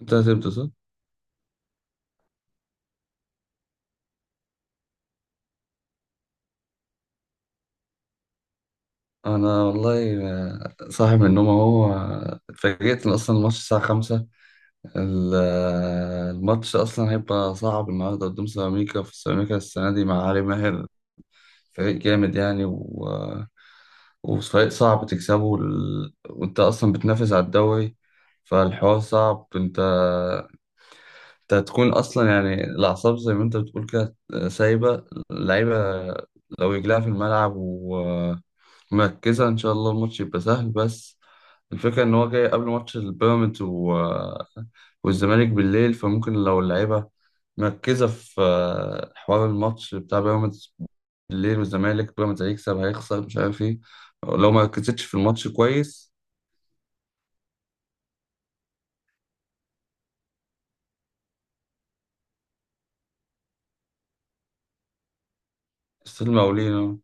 انت هتبدأ صح؟ انا والله، صاحي من النوم اهو، اتفاجئت ان اصلا الماتش الساعة 5. الماتش اصلا هيبقى صعب النهاردة قدام سيراميكا، في سيراميكا السنة دي مع علي ماهر. فريق جامد يعني و... آه، وفريق صعب تكسبه وانت اصلا بتنافس على الدوري، فالحوار صعب. انت هتكون اصلا يعني الاعصاب زي ما انت بتقول كده، سايبه اللعيبه لو رجلها في الملعب مركزة، إن شاء الله الماتش يبقى سهل. بس الفكرة إن هو جاي قبل ماتش البيراميدز و... والزمالك بالليل، فممكن لو اللعيبة مركزة في حوار الماتش بتاع بيراميدز بالليل، والزمالك بيراميدز هيكسب هيخسر مش عارف إيه، لو ما ركزتش في الماتش كويس. ستيل مقاولين.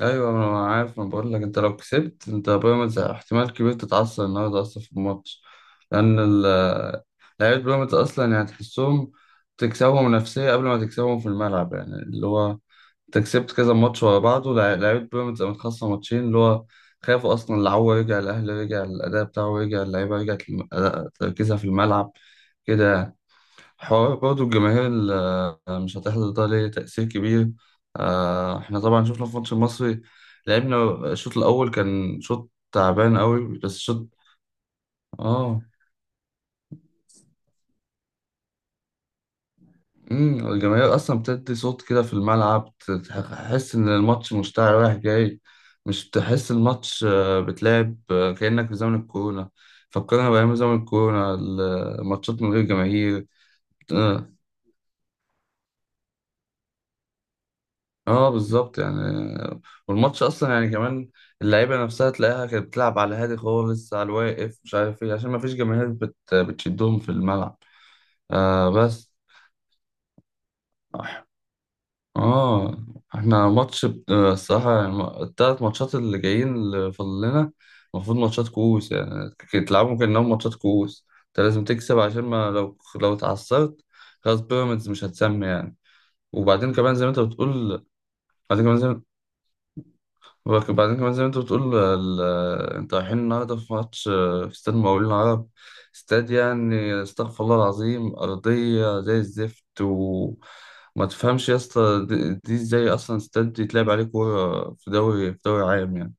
ايوه انا عارف، انا بقول لك انت لو كسبت انت بيراميدز احتمال كبير تتعثر النهارده اصلا في الماتش، لان ال- لعيبه بيراميدز اصلا يعني تحسهم تكسبهم نفسيه قبل ما تكسبهم في الملعب. يعني اللي هو انت كسبت كذا ماتش ورا بعض، لعيبه بيراميدز قامت، خاصه ماتشين اللي هو خافوا اصلا. العو رجع الاهلي، رجع الاداء بتاعه، رجع اللعيبه، رجعت تركيزها في الملعب كده يعني. حوار برضه الجماهير مش هتحضر ده ليه تأثير كبير. احنا طبعا شفنا في الماتش المصري، لعبنا الشوط الأول كان شوط تعبان قوي، بس شوط. اه الجماهير أصلا بتدي صوت كده في الملعب، تحس إن الماتش مشتعل رايح جاي، مش تحس الماتش بتلعب كأنك في زمن الكورونا، فكرنا بأيام زمن الكورونا الماتشات من غير جماهير. آه، اه بالظبط يعني. والماتش اصلا يعني كمان اللعيبه نفسها تلاقيها كانت بتلعب على هادي خالص، على الواقف مش عارف ايه، عشان ما فيش جماهير بتشدهم في الملعب. آه بس اه احنا ماتش الصراحه يعني ال 3 ماتشات اللي جايين اللي فاضل لنا المفروض ماتشات كؤوس، يعني تلعبهم كانهم ماتشات كؤوس، انت لازم تكسب عشان ما لو اتعثرت خلاص بيراميدز مش هتسمي يعني. وبعدين كمان زي ما انت بتقول، بعدين كمان، وبعدين كمان زي ما انت بتقول، انت رايحين النهارده في ماتش في استاد مقاولين العرب. استاد يعني استغفر الله العظيم، أرضية زي الزفت، وما تفهمش يا اسطى دي ازاي أصلا استاد يتلعب عليه كورة في دوري، في دوري عام يعني.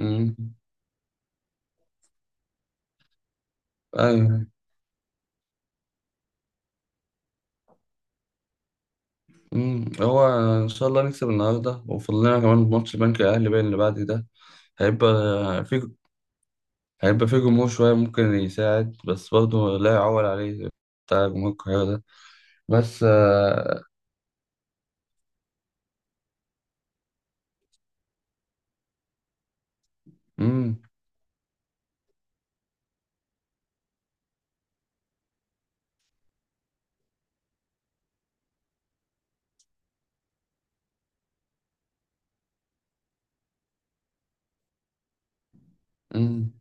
مم. أيوه. مم. هو إن شاء الله نكسب النهارده، وفاضل لنا كمان ماتش البنك الأهلي باين اللي بعد ده، هيبقى في، هيبقى في جمهور شوية ممكن يساعد، بس برضه لا يعول عليه، بتاع جمهور القاهرة ده. بس امم امم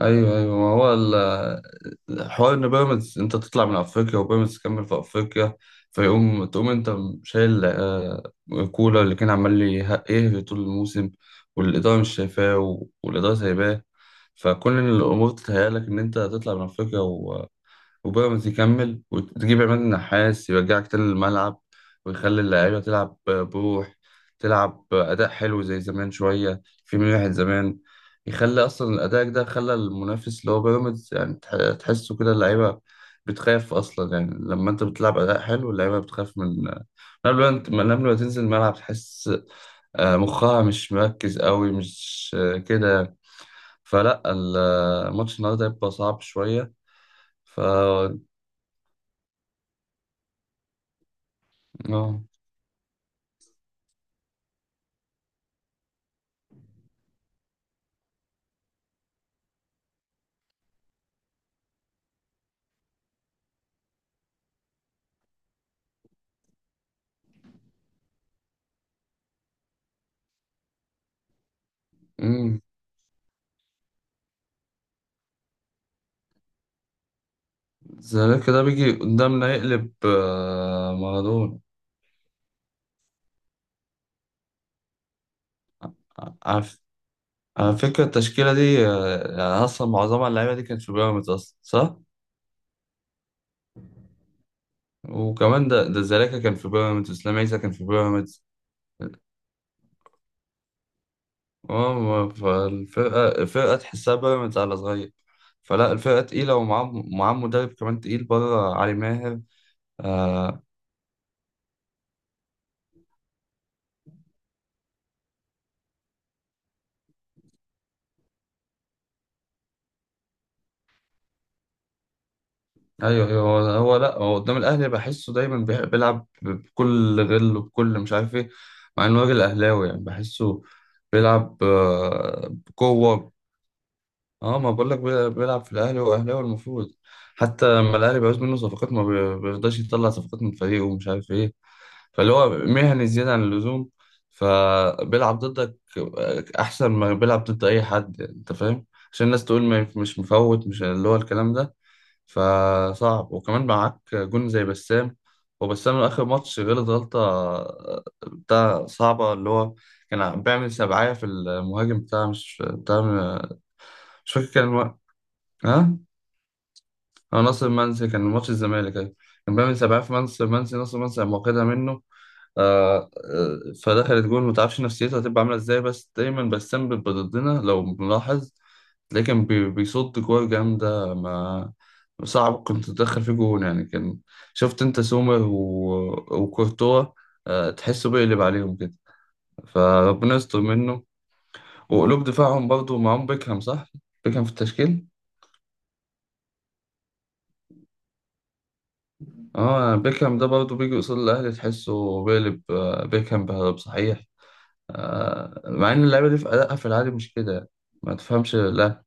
ايوه ايوه، ما هو حوار ان بيراميدز انت تطلع من افريقيا وبيراميدز تكمل في افريقيا، فيقوم تقوم انت شايل كولر اللي كان يهري طول الموسم، والاداره مش شايفاه والاداره سايباه. فكل الامور تتهيألك ان انت تطلع من افريقيا وبيراميدز يكمل، وتجيب عماد النحاس يرجعك تاني للملعب، ويخلي اللعيبة تلعب بروح، تلعب أداء حلو زي زمان، شوية في من واحد زمان، يخلي أصلا الأداء ده خلى المنافس اللي هو بيراميدز يعني تحسه كده. اللعيبة بتخاف أصلا يعني، لما أنت بتلعب أداء حلو اللعيبة بتخاف من، من قبل ما أنت، من قبل ما تنزل الملعب تحس مخها مش مركز قوي، مش كده، فلا، الماتش النهاردة هيبقى صعب شوية. ف آه. امم زيك ده بيجي قدامنا يقلب مارادونا. على ف- على فكرة التشكيلة دي يعني أصلا معظمها اللعيبة دي كانت في بيراميدز أصلا صح؟ وكمان ده زلاكا كان في بيراميدز، وإسلام عيسى كان في بيراميدز. اه فالفرقة، الفرقة تحسها بيراميدز على صغير، فلا الفرقة تقيلة، ومعاه مدرب كمان تقيل بره، علي ماهر. آه، ايوه ايوه، هو لا، هو قدام الاهلي بحسه دايما بيلعب بكل غل وبكل مش عارف ايه، مع انه راجل اهلاوي يعني بحسه بيلعب بقوه. اه ما بقول لك، بيلعب في الاهلي، هو اهلاوي المفروض، حتى لما الاهلي بيعوز منه صفقات ما بيرضاش يطلع صفقات من فريقه ومش عارف ايه، فاللي هو مهني زياده عن اللزوم، فبيلعب ضدك احسن ما بيلعب ضد اي حد يعني، انت فاهم، عشان الناس تقول ما مش مفوت، مش اللي هو الكلام ده. فصعب، وكمان معاك جون زي بسام. وبسام آخر ماتش غلط غلطة بتاع صعبة اللي هو كان بيعمل سبعية في المهاجم بتاع، مش بتاع، مش فاكر كان الو- ها هو ناصر منسي، كان ماتش الزمالك أيوة. كان بيعمل سبعية في منسي، منسي ناصر منسي قام واخدها منه، فدخلت جول. ما تعرفش نفسيته هتبقى عامله ازاي، بس دايما بسام بيبقى ضدنا لو ملاحظ، تلاقيه كان بيصد كور جامده، ما صعب كنت تدخل فيه جون يعني، كان شفت انت سومر وكورتوا، تحسه بيقلب عليهم كده، فربنا يستر منه. وقلوب دفاعهم برضه معاهم بيكهام صح؟ بيكهام في التشكيل؟ اه بيكهام ده برضه بيجي قصاد الاهلي تحسه بيقلب بيكهام بهرب صحيح، مع ان اللعيبه دي في ادائها في العادي مش كده يعني. ما تفهمش، لا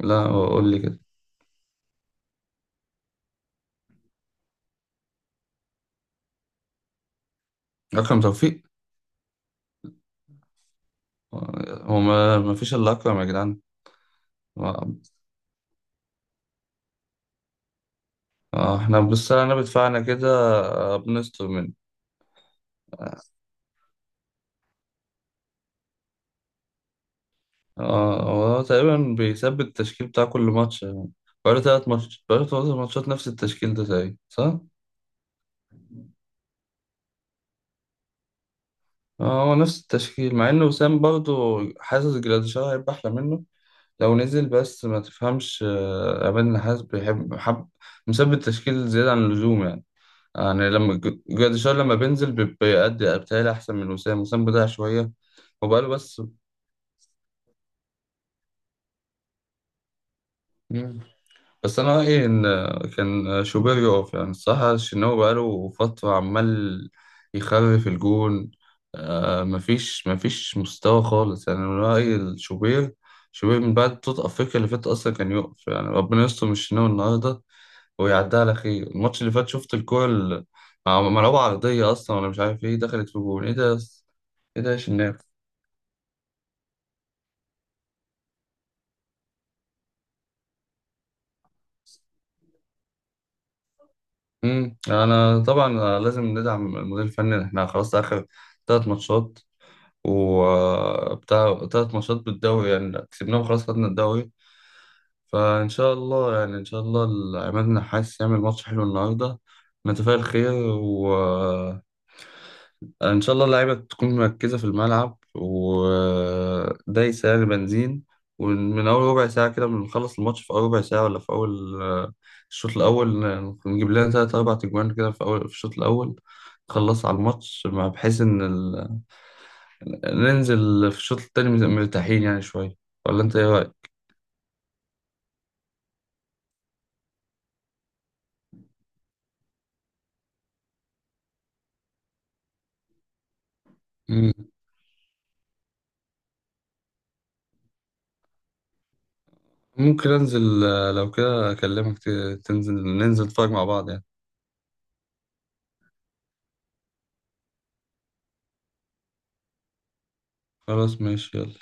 لا، هو قول لي كده اكرم توفيق. هو ما فيش الا اكرم يا جدعان. آه، احنا بالسنه بدفعنا كده، بنستر منه. آه، هو تقريبا بيثبت التشكيل بتاع كل ماتش يعني، بقاله تلات ماتشات نفس التشكيل ده تقريبا صح؟ هو نفس التشكيل، مع إن وسام برضه حاسس جراديشار هيبقى أحلى منه لو نزل، بس ما تفهمش عماد النحاس بيحب حب، مثبت تشكيل زيادة عن اللزوم يعني. يعني لما جراديشار لما بينزل بيأدي، بتهيألي أحسن من وسام، وسام بضيع شوية. وبقاله بس. مم. بس أنا رأيي إن كان شوبير يقف يعني، الصراحة الشناوي بقاله فترة عمال يخرف الجون. مفيش مستوى خالص يعني، أنا رأيي الشوبير، شوبير من بعد بطولة أفريقيا اللي فاتت أصلا كان يقف يعني، ربنا يستر من الشناوي النهاردة ويعدها على خير. الماتش اللي فات شفت الكورة ملعوبة عرضية أصلا ولا مش عارف إيه، دخلت في جول، إيه ده يا إيه ده يا شناب. امم، أنا طبعا لازم ندعم المدير الفني، إحنا خلاص آخر 3 ماتشات، وبتاع 3 ماتشات بالدوري يعني كسبناهم خلاص خدنا الدوري. فإن شاء الله يعني، إن شاء الله عماد النحاس يعمل ماتش حلو النهاردة، نتفائل خير. و ان شاء الله اللعيبه تكون مركزه في الملعب ودايسه يعني بنزين، ومن اول ربع ساعه كده بنخلص الماتش، في اول ربع ساعه ولا في اول الشوط الاول نجيب لنا 3 أو 4 تجوان كده في اول، في الشوط الاول نخلص على الماتش، بحيث ان ننزل في الشوط التاني مرتاحين يعني شويه. ولا انت ايه رايك؟ مم. ممكن انزل لو كده اكلمك تنزل ننزل نتفرج مع بعض يعني. خلاص ماشي، يلا.